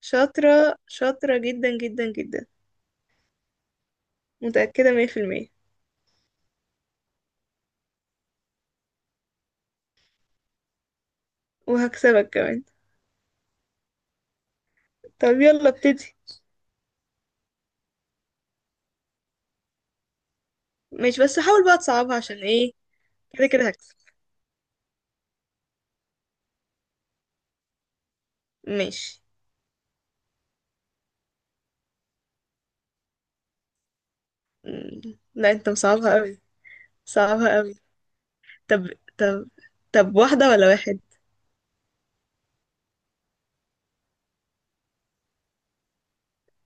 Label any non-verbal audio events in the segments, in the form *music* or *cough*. شاطرة شاطرة جدا جدا جدا. متأكدة مية في المية. وهكسبك كمان. طب يلا ابتدي. ماشي، بس حاول بقى تصعبها، عشان ايه؟ كده كده هكسب. ماشي. لا، انت مصعبها قوي. صعبها قوي. طب طب طب واحدة ولا واحد؟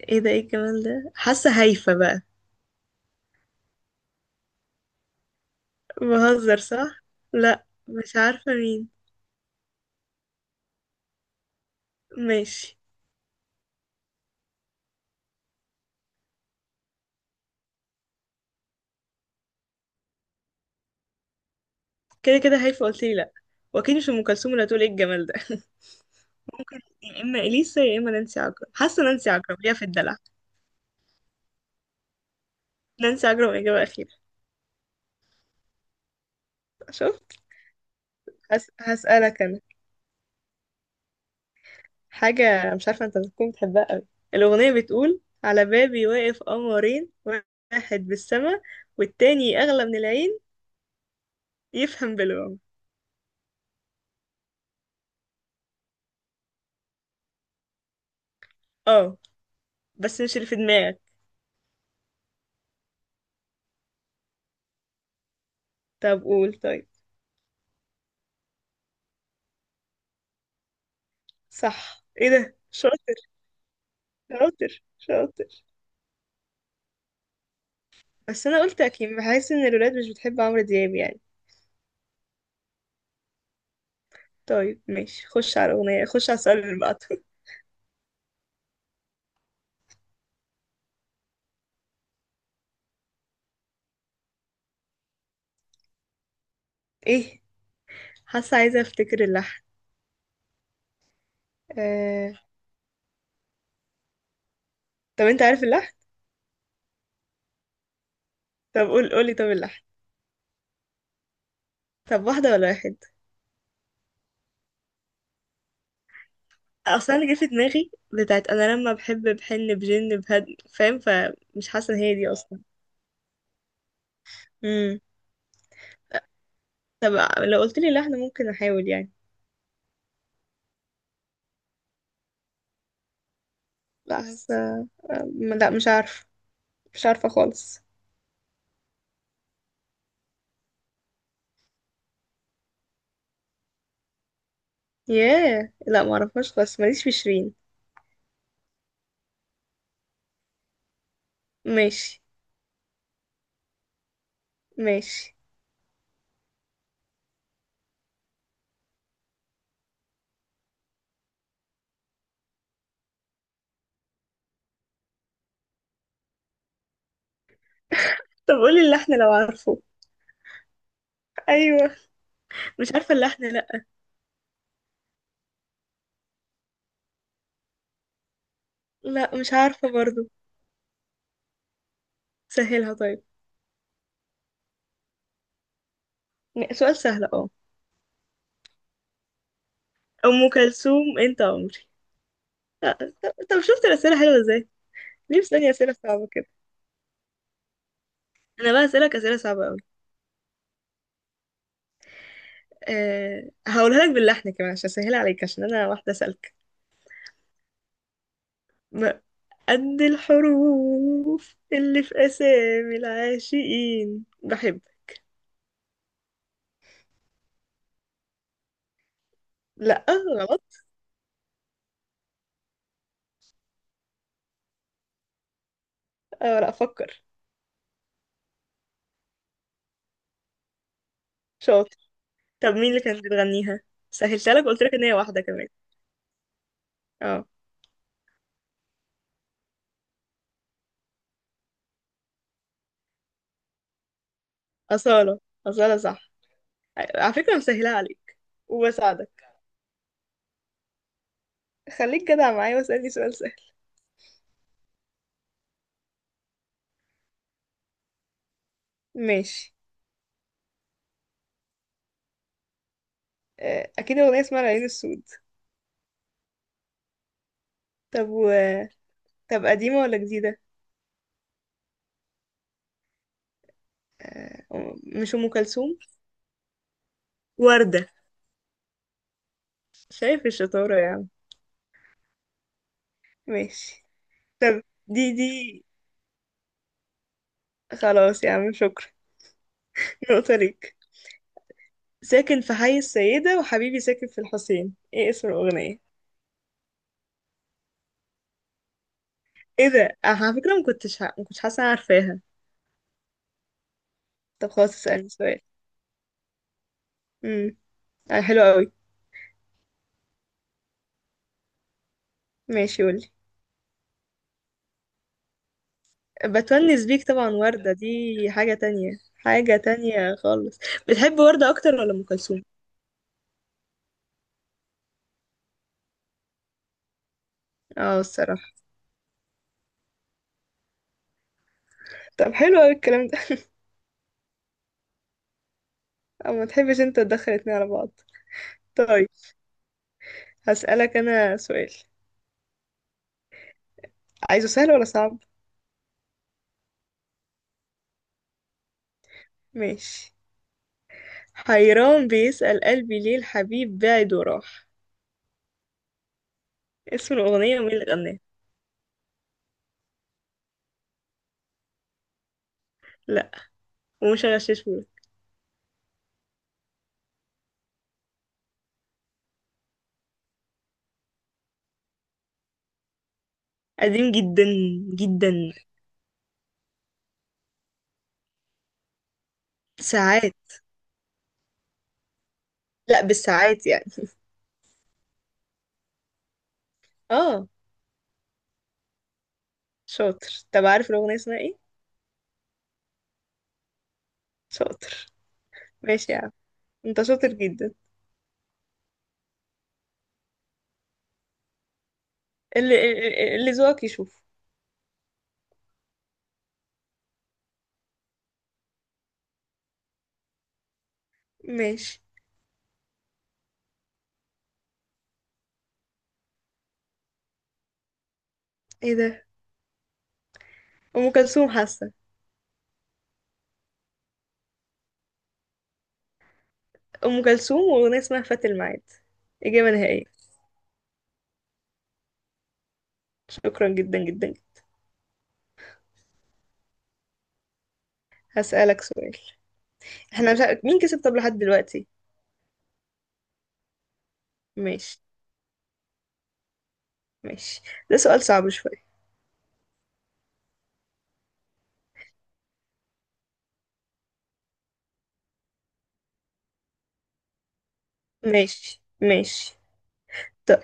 ايه ده، ايه الجمال ده؟ حاسة هايفة بقى. بهزر، صح. لا، مش عارفة مين. ماشي. كده كده هايفة، قلتلي لا. واكيد مش ام كلثوم اللي هتقول ايه الجمال ده. *laughs* يا اما اليسا يا اما نانسي عجرم، حاسة نانسي عجرم ليها في الدلع. نانسي عجرم، إجابة أخيرة. شوف. هسألك أنا حاجة مش عارفة أنت بتكون بتحبها أوي. الأغنية بتقول على بابي واقف قمرين، واحد بالسما والتاني أغلى من العين، يفهم بالوم. اه، بس مش اللي في دماغك. طب قول طيب. صح، ايه ده، شاطر. شاطر شاطر. بس أنا قلت أكيد بحس إن الولاد مش بتحب عمرو دياب يعني. طيب ماشي، خش على الأغنية، خش على السؤال اللي بعده. *laughs* ايه، حاسة عايزة أفتكر اللحن. آه... طب أنت عارف اللحن؟ طب قولي طب اللحن. طب واحدة ولا واحد؟ اصلا انا جه في دماغي بتاعت انا لما بحب بحن بجن بهد، فاهم؟ فمش حاسة ان هي دي اصلا. امم طب لو قلت لي لحن ممكن احاول يعني. لا، حاسة. لا، مش عارفة. مش عارفة خالص. ياه، لا، ما اعرفهاش خالص، ماليش في شيرين. ماشي ماشي. طب قولي اللحن لو عارفه. ايوه. مش عارفة اللحن، لا. لا، مش عارفة برضو. سهلها طيب. سؤال سهل، اه. ام كلثوم، انت عمري. لا. طب طب، شفت الاسئله حلوه ازاي؟ ليه بتسألني أسئلة صعبة كده؟ أنا بقى أسألك أسئلة صعبة أوي. أه، هقولها لك باللحن كمان عشان أسهل عليك، عشان أنا واحدة سالكة. م- قد الحروف اللي في أسامي العاشقين بحب. لأ، غلط. أه لأ، أفكر. شاطر. طب مين اللي كانت بتغنيها؟ سهلتها لك، قلت لك إن هي واحدة كمان. اه. أصالة، أصالة صح. على فكرة أنا مسهلها عليك وبساعدك. خليك جدع معايا واسألني سؤال سهل. ماشي. أه، أكيد أغنية اسمها العين السود. طب طب قديمة ولا جديدة؟ مش أم كلثوم. وردة. شايف الشطارة يا عم. ماشي. طب دي خلاص يا عم، شكرا. *laughs* نقطة ليك. ساكن في حي السيدة وحبيبي ساكن في الحسين، ايه اسم الأغنية؟ ايه ده؟ أنا على فكرة ما كنتش حاسة أنا عارفاها. طب خلاص، اسألني سؤال. امم حلو قوي. ماشي، قولي. بتونس بيك، طبعا وردة دي. حاجة تانية، حاجة تانية خالص. بتحب وردة أكتر ولا أم كلثوم؟ اه الصراحة. طب حلو قوي الكلام ده. *laughs* أو ما تحبش انت تدخل اتنين على بعض. طيب، هسألك أنا سؤال. عايزه سهل ولا صعب؟ ماشي. حيران بيسأل قلبي ليه الحبيب بعد وراح. اسم الأغنية ومين اللي غناها؟ لا. ومش هغششهولك. قديم جدا. جدا. ساعات. لا، بالساعات يعني. *laughs* اه. شاطر. طب عارف الأغنية اسمها ايه؟ شاطر. ماشي يا عم. انت شاطر جدا. اللي ذوقك يشوف. ماشي. ايه ده؟ أم كلثوم، حاسة. أم كلثوم، وأغنية اسمها فات الميعاد. إجابة نهائية. شكرا جدا جدا. هسألك سؤال. احنا مش عارف مين كسب طب لحد دلوقتي. ماشي ماشي. ده سؤال صعب شوية. ماشي ماشي. طيب.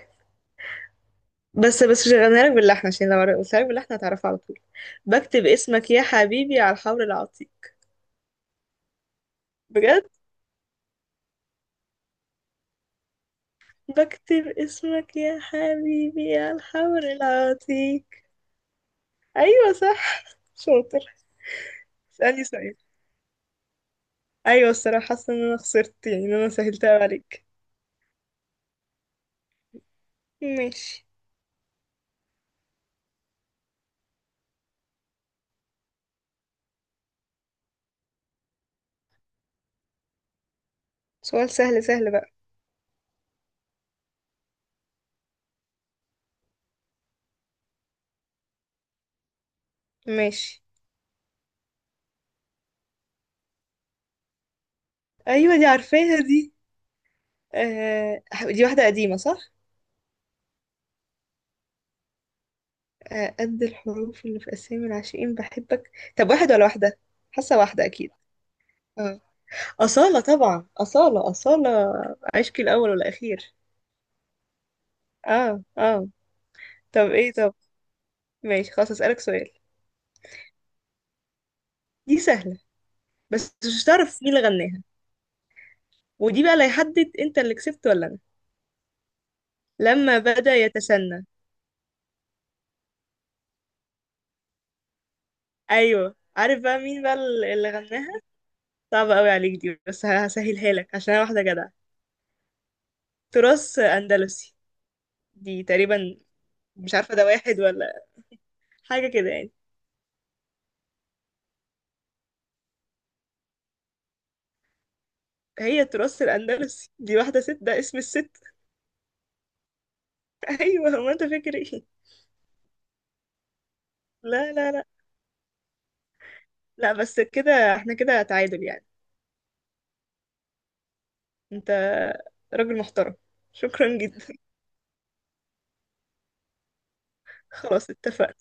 بس مش هغنيها لك باللحن، عشان لو قلتها لك باللحن هتعرفها على طول. بكتب اسمك يا حبيبي على الحور العتيق. بجد. بكتب اسمك يا حبيبي على الحور العتيق. ايوه صح. شاطر. اسألني سؤال. ايوه الصراحة، حاسة ان انا خسرت، يعني ان انا سهلتها عليك. ماشي. سؤال سهل، سهل بقى. ماشي. ايوه دي عارفاها دي. آه، دي واحدة قديمة صح؟ آه، قد الحروف اللي في أسامي العاشقين بحبك. طب واحد ولا واحدة؟ حاسة واحدة أكيد. اه. أصالة، طبعا أصالة أصالة. عشقي الأول والأخير. اه اه. طب ايه، طب ماشي، خلاص أسألك سؤال. دي سهلة، بس مش هتعرف مين اللي غناها. ودي بقى اللي هيحدد انت اللي كسبت ولا انا. لما بدأ يتسنى. ايوه، عارف بقى مين بقى اللي غناها. صعبة قوي عليك دي، بس هسهلها لك عشان انا واحدة جدعة. تراث أندلسي. دي تقريبا. مش عارفة، ده واحد ولا حاجة كده يعني. هي التراث الأندلسي دي، واحدة ست ده اسم الست. *laughs* أيوة، هو أنت فاكر إيه؟ لا لا لا. لا، بس كده احنا كده تعادل يعني. أنت راجل محترم. شكرا جدا. *laughs* خلاص اتفقنا.